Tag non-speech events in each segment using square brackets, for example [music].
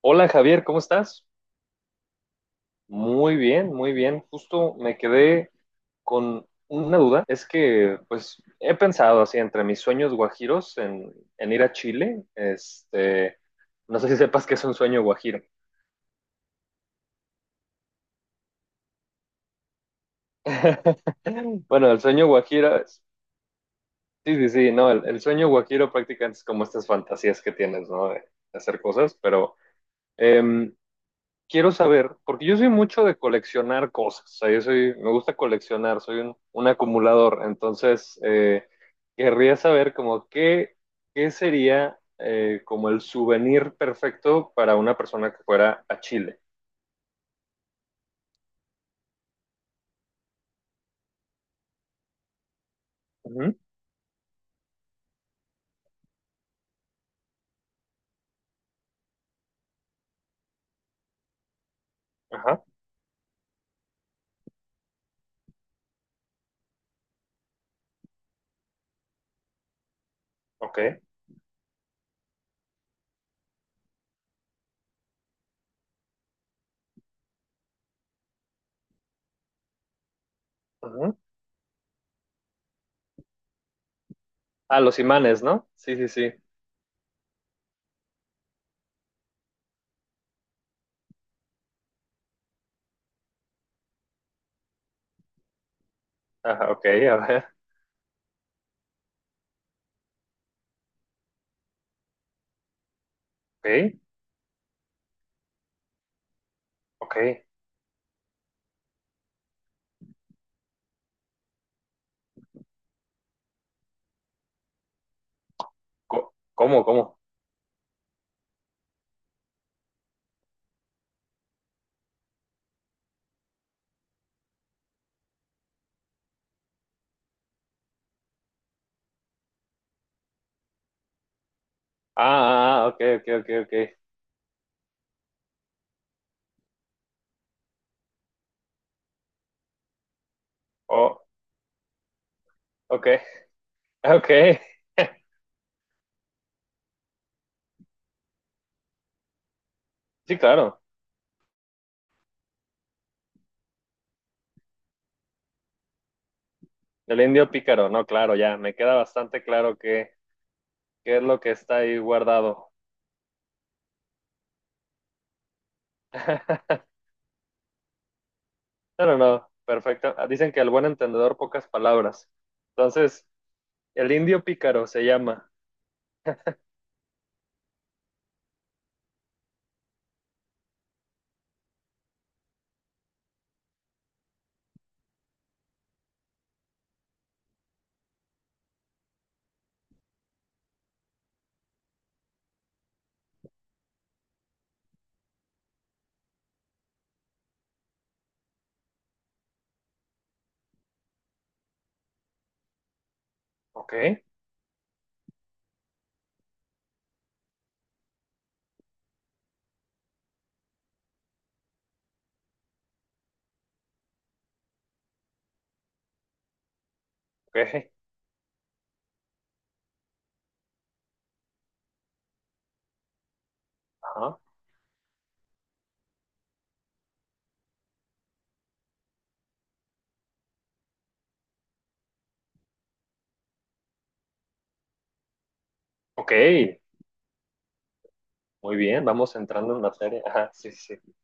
Hola Javier, ¿cómo estás? Muy bien, muy bien. Justo me quedé con una duda. Es que, pues, he pensado así entre mis sueños guajiros en ir a Chile. No sé si sepas que es un sueño guajiro. [laughs] Bueno, el sueño guajiro, sí, sí, sí, no, el, sueño guajiro prácticamente es como estas fantasías que tienes, ¿no? De hacer cosas, pero em, quiero saber, porque yo soy mucho de coleccionar cosas, o sea, yo soy, me gusta coleccionar, soy un, acumulador, entonces querría saber como qué sería como el souvenir perfecto para una persona que fuera a Chile. Ujú, ajá, ok. Ujú. Ah, los imanes, ¿no? Sí, sí, sí. Ajá, ok, a ver. Ok, ok. ¿Cómo, cómo? Ah, ah, ah, ok, ok, ok, ok. Oh, ok, [laughs] ok. Sí, claro. El indio pícaro, no, claro, ya, me queda bastante claro qué es lo que está ahí guardado. [laughs] No, no, no, perfecto. Ah, dicen que al buen entendedor pocas palabras. Entonces, el indio pícaro se llama. Ok, ok, ajá, ok, muy bien, vamos entrando en materia. Ajá, sí, sí, sí.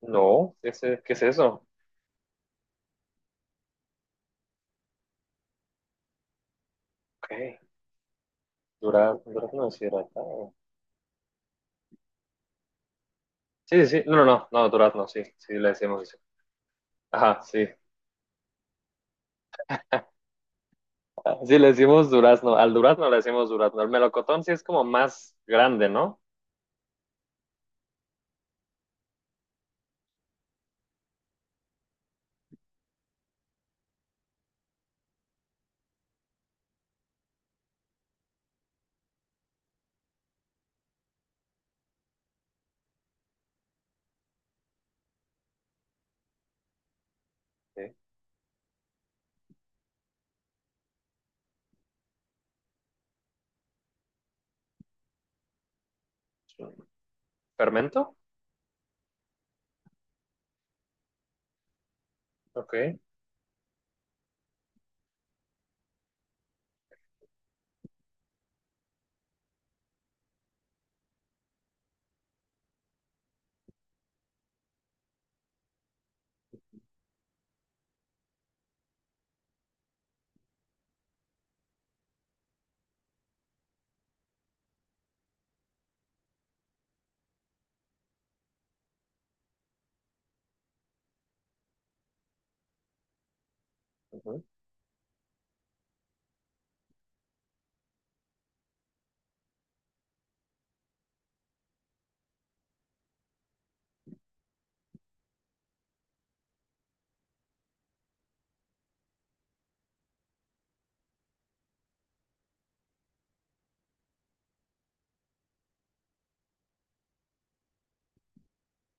No, ¿qué es eso? Ok, durazno deshidratado. Sí, sí, sí, no, no, no, no, durazno, sí, sí, le decimos eso. Ajá, sí. Sí, le decimos durazno. Al durazno le decimos durazno. El melocotón sí es como más grande, ¿no? Sí. ¿Fermento? Ok. Ujú.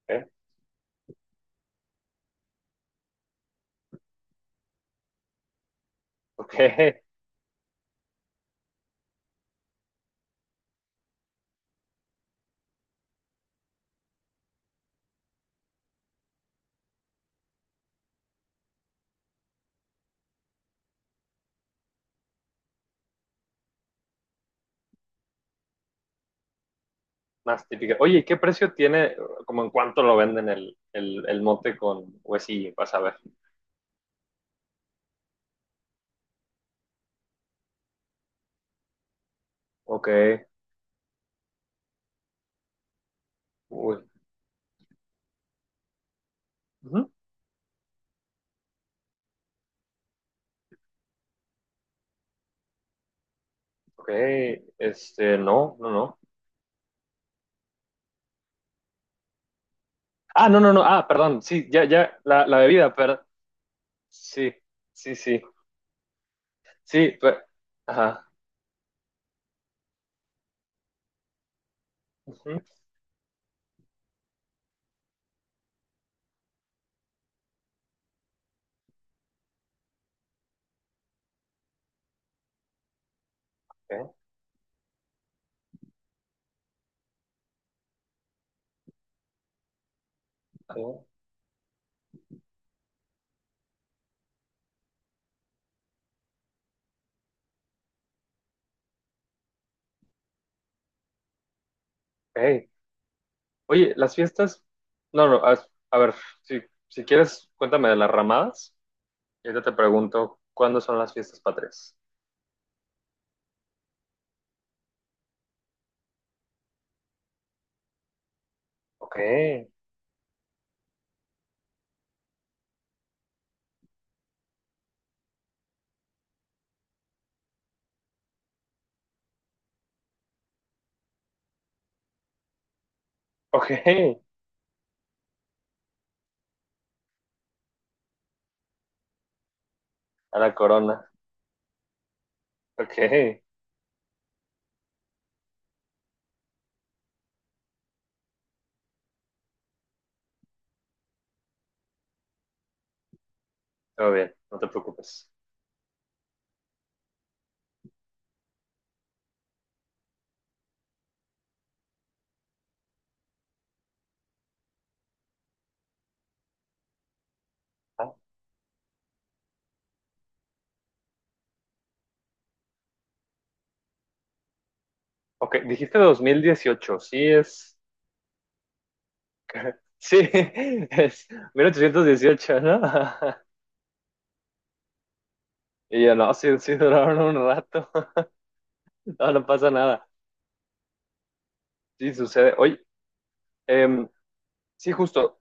Ok, ok. [laughs] Más típica. Oye, ¿y qué precio tiene, como en cuánto lo venden el, mote con huesillo? Vas a ver. Ok, uy. Ujú. Ok, no, no, no. Ah, no, no, no, ah, perdón, sí, ya, ya, la bebida, pero sí, sí, sí, sí, pero, ajá. Ujú, ok, ok, ok. Oye, las fiestas. No, no, a ver, si, si quieres, cuéntame de las ramadas y ahorita te pregunto cuándo son las fiestas patrias. Ok, ok, [laughs] a la corona. Ok, todo bien, no te preocupes. Ah, ok, dijiste 2018, sí es. [laughs] Sí, es 1818, ¿no? [laughs] Y yo no, sí, sí duraron un rato. [laughs] No, no pasa nada. Sí, sucede. Oye, em, sí, justo.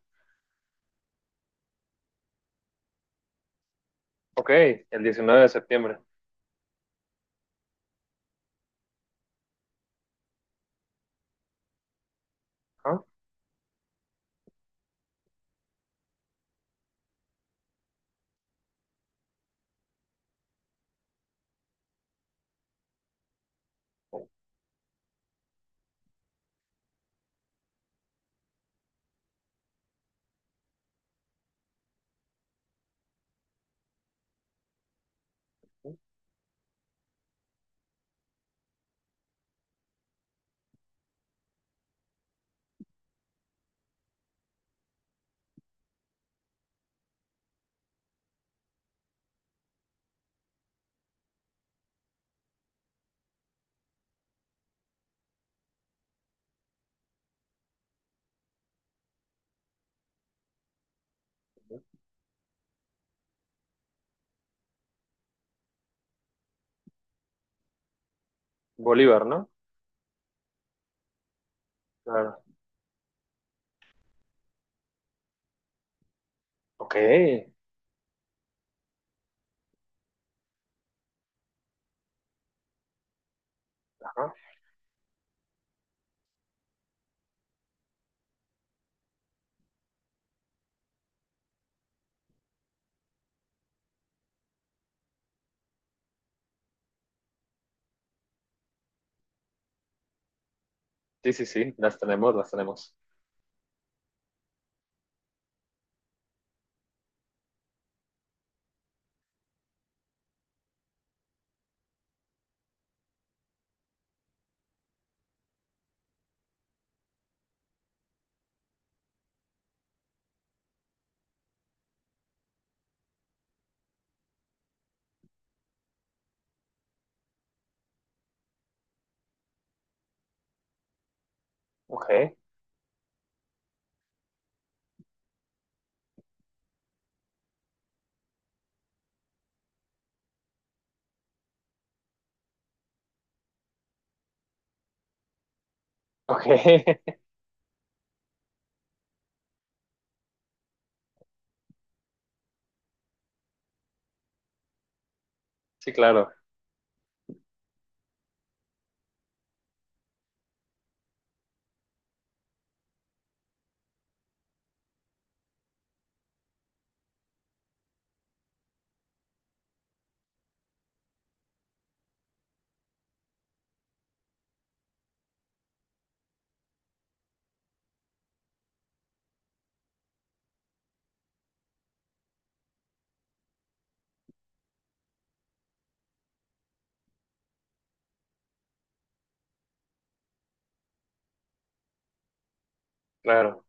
Ok, el 19 de septiembre. ¿Ah? Bolívar, ¿no? Claro. Ok. Ajá. Sí, sí, sí, las tenemos, las tenemos. Ok. Ok. [laughs] Sí, claro, claro.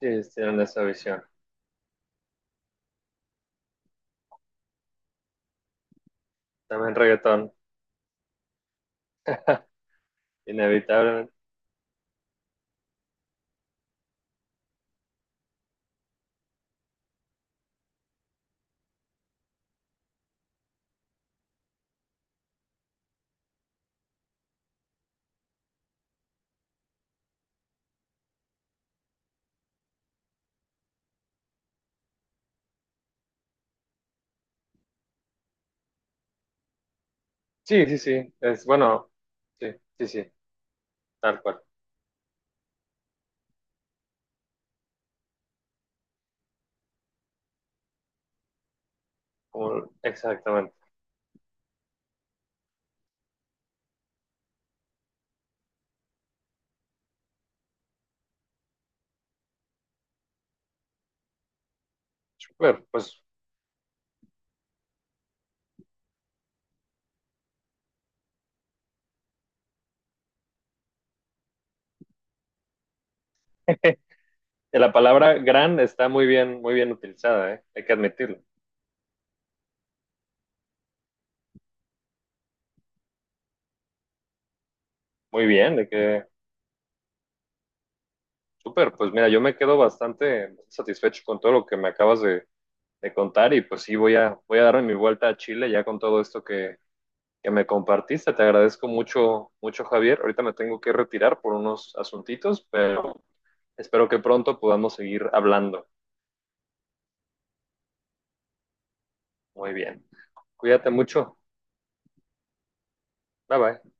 Sí, ellos tienen esa visión. También reggaetón, inevitablemente. Sí, sí, sí. Es bueno. Sí, sí, sí. Tal cual. Como, exactamente. Súper. Pues la palabra gran está muy bien utilizada, ¿eh? Hay que admitirlo. Muy bien, de que. Súper. Pues mira, yo me quedo bastante satisfecho con todo lo que me acabas de contar y pues sí voy a darme mi vuelta a Chile ya con todo esto que me compartiste. Te agradezco mucho, mucho, Javier. Ahorita me tengo que retirar por unos asuntitos, pero espero que pronto podamos seguir hablando. Muy bien. Cuídate mucho. Bye bye.